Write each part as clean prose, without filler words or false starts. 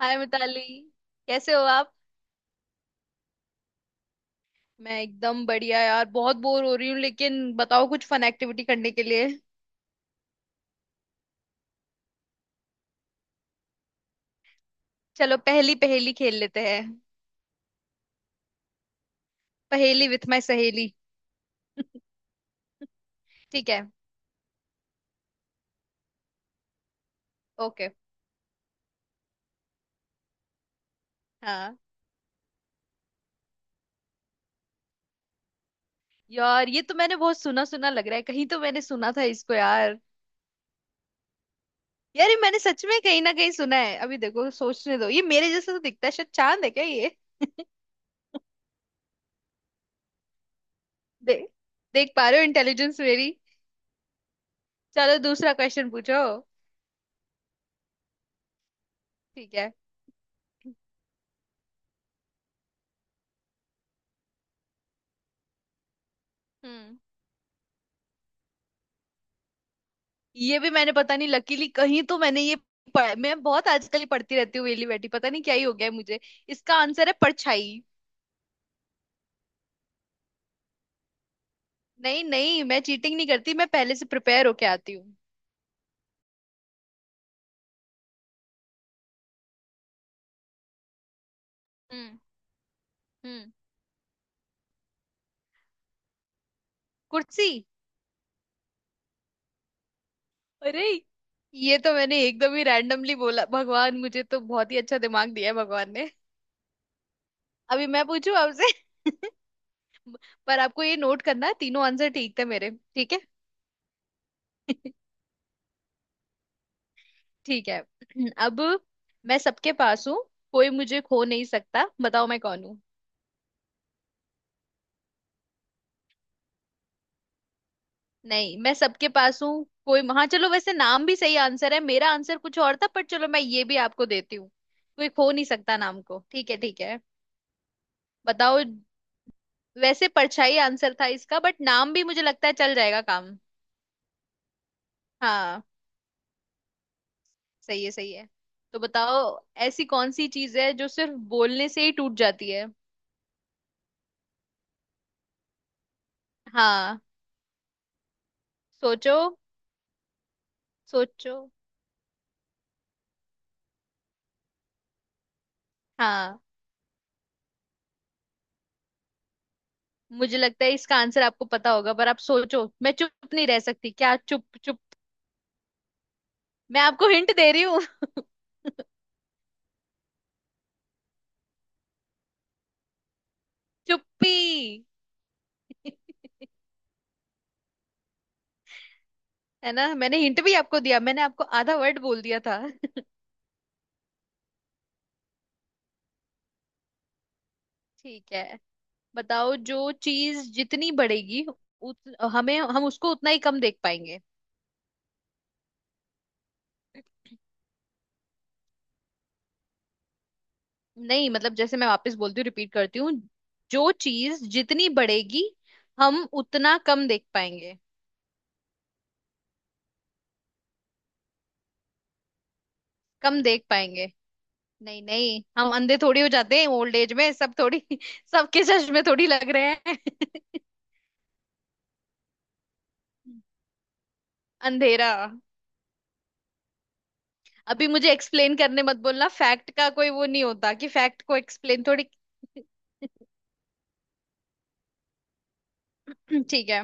हाय मिताली। कैसे हो आप। मैं एकदम बढ़िया यार, बहुत बोर हो रही हूँ लेकिन बताओ कुछ फन एक्टिविटी करने के लिए। चलो पहेली पहेली खेल लेते हैं। पहेली विथ माय सहेली। ठीक है। ओके। हाँ। यार ये तो मैंने बहुत सुना, सुना लग रहा है, कहीं तो मैंने सुना था इसको यार। यार ये मैंने सच में कहीं ना कहीं सुना है। अभी देखो, सोचने दो। ये मेरे जैसा तो दिखता है, शायद चांद है क्या ये। दे, देख पा रहे हो इंटेलिजेंस मेरी। चलो दूसरा क्वेश्चन पूछो। ठीक है। हम्म। ये भी मैंने पता नहीं लकीली कहीं तो मैंने ये पढ़ा। मैं बहुत आजकल ही पढ़ती रहती हूँ, वेली बैठी पता नहीं क्या ही हो गया है मुझे। इसका आंसर है परछाई। नहीं नहीं, मैं चीटिंग नहीं करती। मैं पहले से प्रिपेयर होके आती हूँ। हम्म। हम्म। कुर्सी। अरे, ये तो मैंने एकदम ही रैंडमली बोला। भगवान मुझे तो बहुत ही अच्छा दिमाग दिया है भगवान ने। अभी मैं पूछू आपसे। पर आपको ये नोट करना है, तीनों आंसर ठीक थे मेरे, ठीक है। ठीक है। अब मैं सबके पास हूँ, कोई मुझे खो नहीं सकता, बताओ मैं कौन हूँ। नहीं, मैं सबके पास हूँ कोई। हाँ चलो, वैसे नाम भी सही आंसर है। मेरा आंसर कुछ और था पर चलो मैं ये भी आपको देती हूँ। कोई खो नहीं सकता नाम को, ठीक है ठीक है। बताओ। वैसे परछाई आंसर था इसका, बट नाम भी मुझे लगता है चल जाएगा काम। हाँ। सही है सही है। तो बताओ, ऐसी कौन सी चीज है जो सिर्फ बोलने से ही टूट जाती है। हाँ। सोचो। सोचो। हाँ। मुझे लगता है इसका आंसर आपको पता होगा, पर आप सोचो। मैं चुप नहीं रह सकती, क्या चुप चुप। मैं आपको हिंट दे रही। चुप्पी। है ना, मैंने हिंट भी आपको दिया, मैंने आपको आधा वर्ड बोल दिया था। ठीक है। बताओ, जो चीज जितनी बढ़ेगी उत, हमें, हम उसको उतना ही कम देख पाएंगे। नहीं मतलब जैसे, मैं वापस बोलती हूँ, रिपीट करती हूँ। जो चीज जितनी बढ़ेगी, हम उतना कम देख पाएंगे। कम देख पाएंगे। नहीं नहीं, हम अंधे थोड़ी हो जाते हैं ओल्ड एज में सब, थोड़ी। सबके चश्मे थोड़ी लग रहे हैं। अंधेरा। अभी मुझे एक्सप्लेन करने मत बोलना, फैक्ट का कोई वो नहीं होता कि फैक्ट को एक्सप्लेन थोड़ी। ठीक है।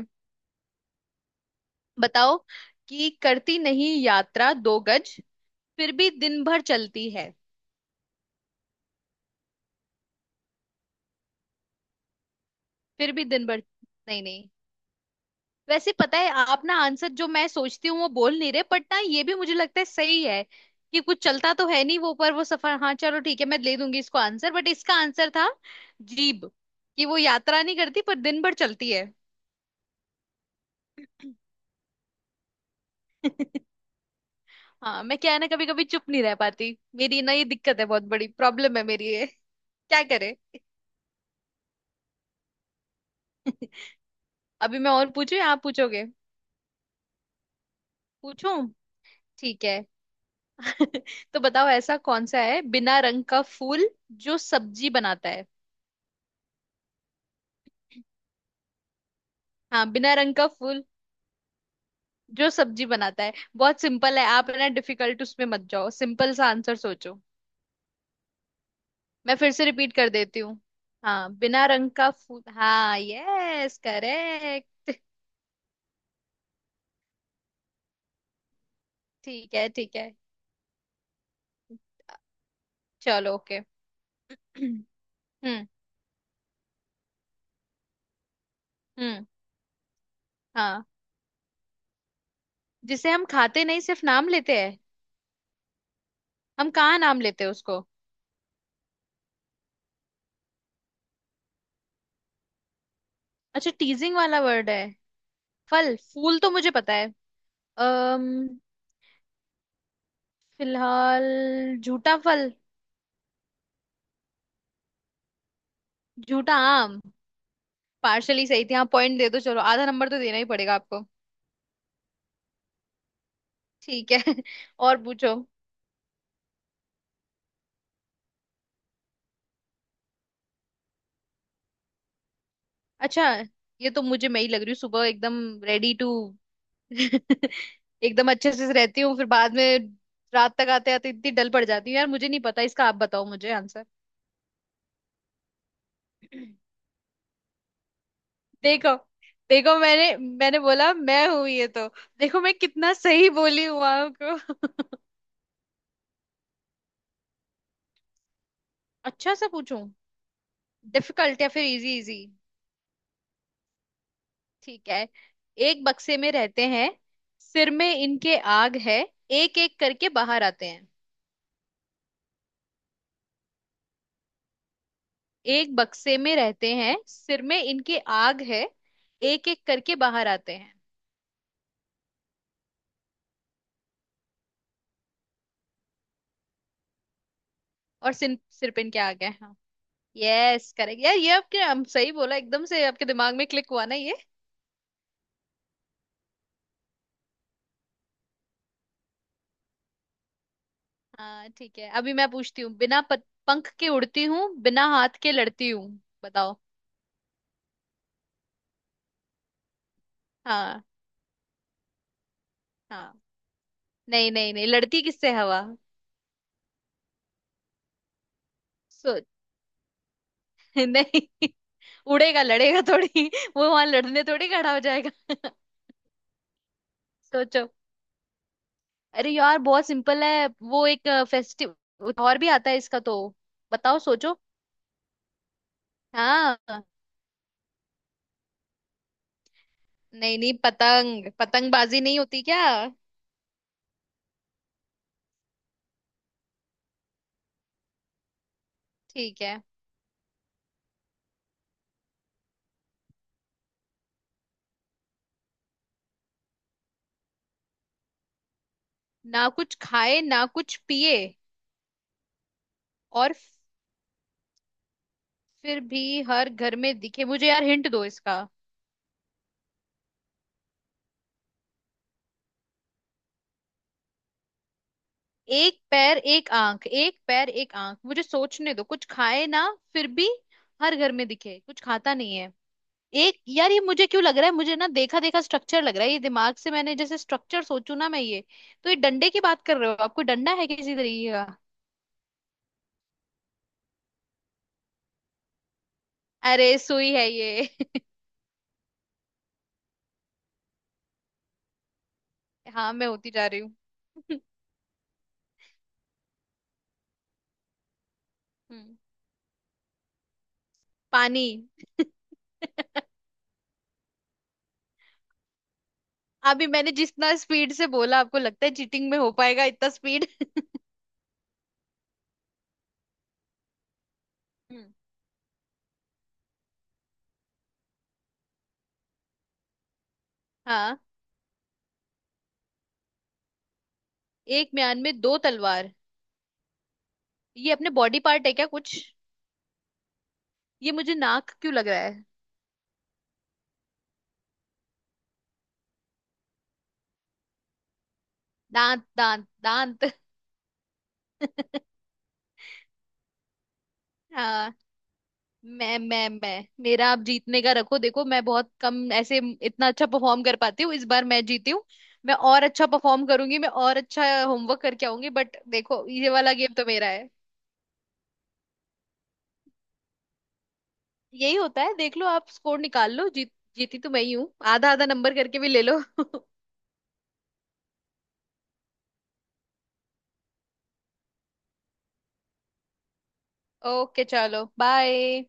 बताओ कि करती नहीं यात्रा दो गज, फिर भी दिन भर चलती है। फिर भी दिन भर। नहीं नहीं। वैसे पता है आप ना, आंसर जो मैं सोचती हूँ वो बोल नहीं रहे, बट ना ये भी मुझे लगता है सही है कि कुछ चलता तो है नहीं वो, पर वो सफर। हाँ चलो ठीक है, मैं ले दूंगी इसको आंसर, बट इसका आंसर था जीभ, कि वो यात्रा नहीं करती पर दिन भर चलती है। हाँ, मैं क्या है ना, कभी कभी चुप नहीं रह पाती, मेरी ना ये दिक्कत है, बहुत बड़ी प्रॉब्लम है मेरी ये। क्या करे। अभी मैं और पूछूं या आप पूछोगे। पूछूं। ठीक है। तो बताओ, ऐसा कौन सा है बिना रंग का फूल जो सब्जी बनाता है। हाँ बिना रंग का फूल जो सब्जी बनाता है। बहुत सिंपल है आप, है ना, डिफिकल्ट उसमें मत जाओ, सिंपल सा आंसर सोचो। मैं फिर से रिपीट कर देती हूँ। हाँ बिना रंग का फूल। हाँ यस करेक्ट। ठीक है ठीक है। चलो ओके। हम्म। हम्म। हाँ, जिसे हम खाते नहीं सिर्फ नाम लेते हैं। हम कहाँ नाम लेते हैं उसको। अच्छा टीजिंग वाला वर्ड है। फल फूल तो मुझे पता है। अम्म फिलहाल। झूठा फल। झूठा आम। पार्शली सही थी। हाँ पॉइंट दे दो, चलो आधा नंबर तो देना ही पड़ेगा आपको। ठीक है। और पूछो। अच्छा, ये तो मुझे मैं ही लग रही हूँ। सुबह एकदम रेडी टू एकदम अच्छे से रहती हूँ, फिर बाद में रात तक आते आते इतनी डल पड़ जाती हूँ। यार मुझे नहीं पता इसका, आप बताओ मुझे आंसर। देखो, देखो मैंने, बोला मैं हूं ये तो। देखो मैं कितना सही बोली हूँ आपको। अच्छा सा पूछूं। डिफिकल्ट या फिर इजी इजी। ठीक है। एक बक्से में रहते हैं, सिर में इनके आग है, एक एक करके बाहर आते हैं। एक बक्से में रहते हैं, सिर में इनके आग है, एक एक करके बाहर आते हैं। और सिर सिर पे इनके आग है, हाँ। यस करेक्ट यार। ये आपके, हम सही बोला, एकदम से आपके दिमाग में क्लिक हुआ ना। हाँ ठीक है। अभी मैं पूछती हूँ, बिना प- पंख के उड़ती हूँ, बिना हाथ के लड़ती हूँ। बताओ। हाँ। हाँ। नहीं नहीं नहीं, लड़ती किससे हवा। सो नहीं, उड़ेगा, लड़ेगा थोड़ी। वो वहां लड़ने थोड़ी खड़ा हो जाएगा। सोचो। अरे यार बहुत सिंपल है, वो एक फेस्टिव और भी आता है इसका तो। बताओ, सोचो। हाँ। नहीं नहीं, पतंग, पतंगबाजी नहीं होती क्या। ठीक है। ना कुछ खाए ना कुछ पिए और फिर भी हर घर में दिखे मुझे, यार हिंट दो इसका। एक पैर एक आंख, एक पैर एक आंख, मुझे सोचने दो। कुछ खाए ना, फिर भी हर घर में दिखे, कुछ खाता नहीं है। एक, यार ये मुझे क्यों लग रहा है, मुझे ना देखा देखा स्ट्रक्चर लग रहा है ये। दिमाग से मैंने जैसे स्ट्रक्चर सोचू ना मैं ये तो, ये डंडे की बात कर रहे हो, आपको डंडा है किसी तरीके का। अरे सुई है ये। हाँ, मैं होती जा रही हूँ। हम्म, पानी। अभी मैंने जितना स्पीड से बोला, आपको लगता है चीटिंग में हो पाएगा इतना स्पीड। हाँ। एक म्यान में दो तलवार। ये अपने बॉडी पार्ट है क्या कुछ। ये मुझे नाक क्यों लग रहा है। दांत दांत दांत। हाँ। मैं मेरा, आप जीतने का रखो। देखो मैं बहुत कम ऐसे इतना अच्छा परफॉर्म कर पाती हूँ, इस बार मैं जीती हूँ। मैं और अच्छा परफॉर्म करूंगी, मैं और अच्छा होमवर्क करके आऊंगी, बट देखो ये वाला गेम तो मेरा है। यही होता है, देख लो आप स्कोर निकाल लो। जीत, जीती तो मैं ही हूँ, आधा आधा नंबर करके भी ले लो। ओके चलो बाय।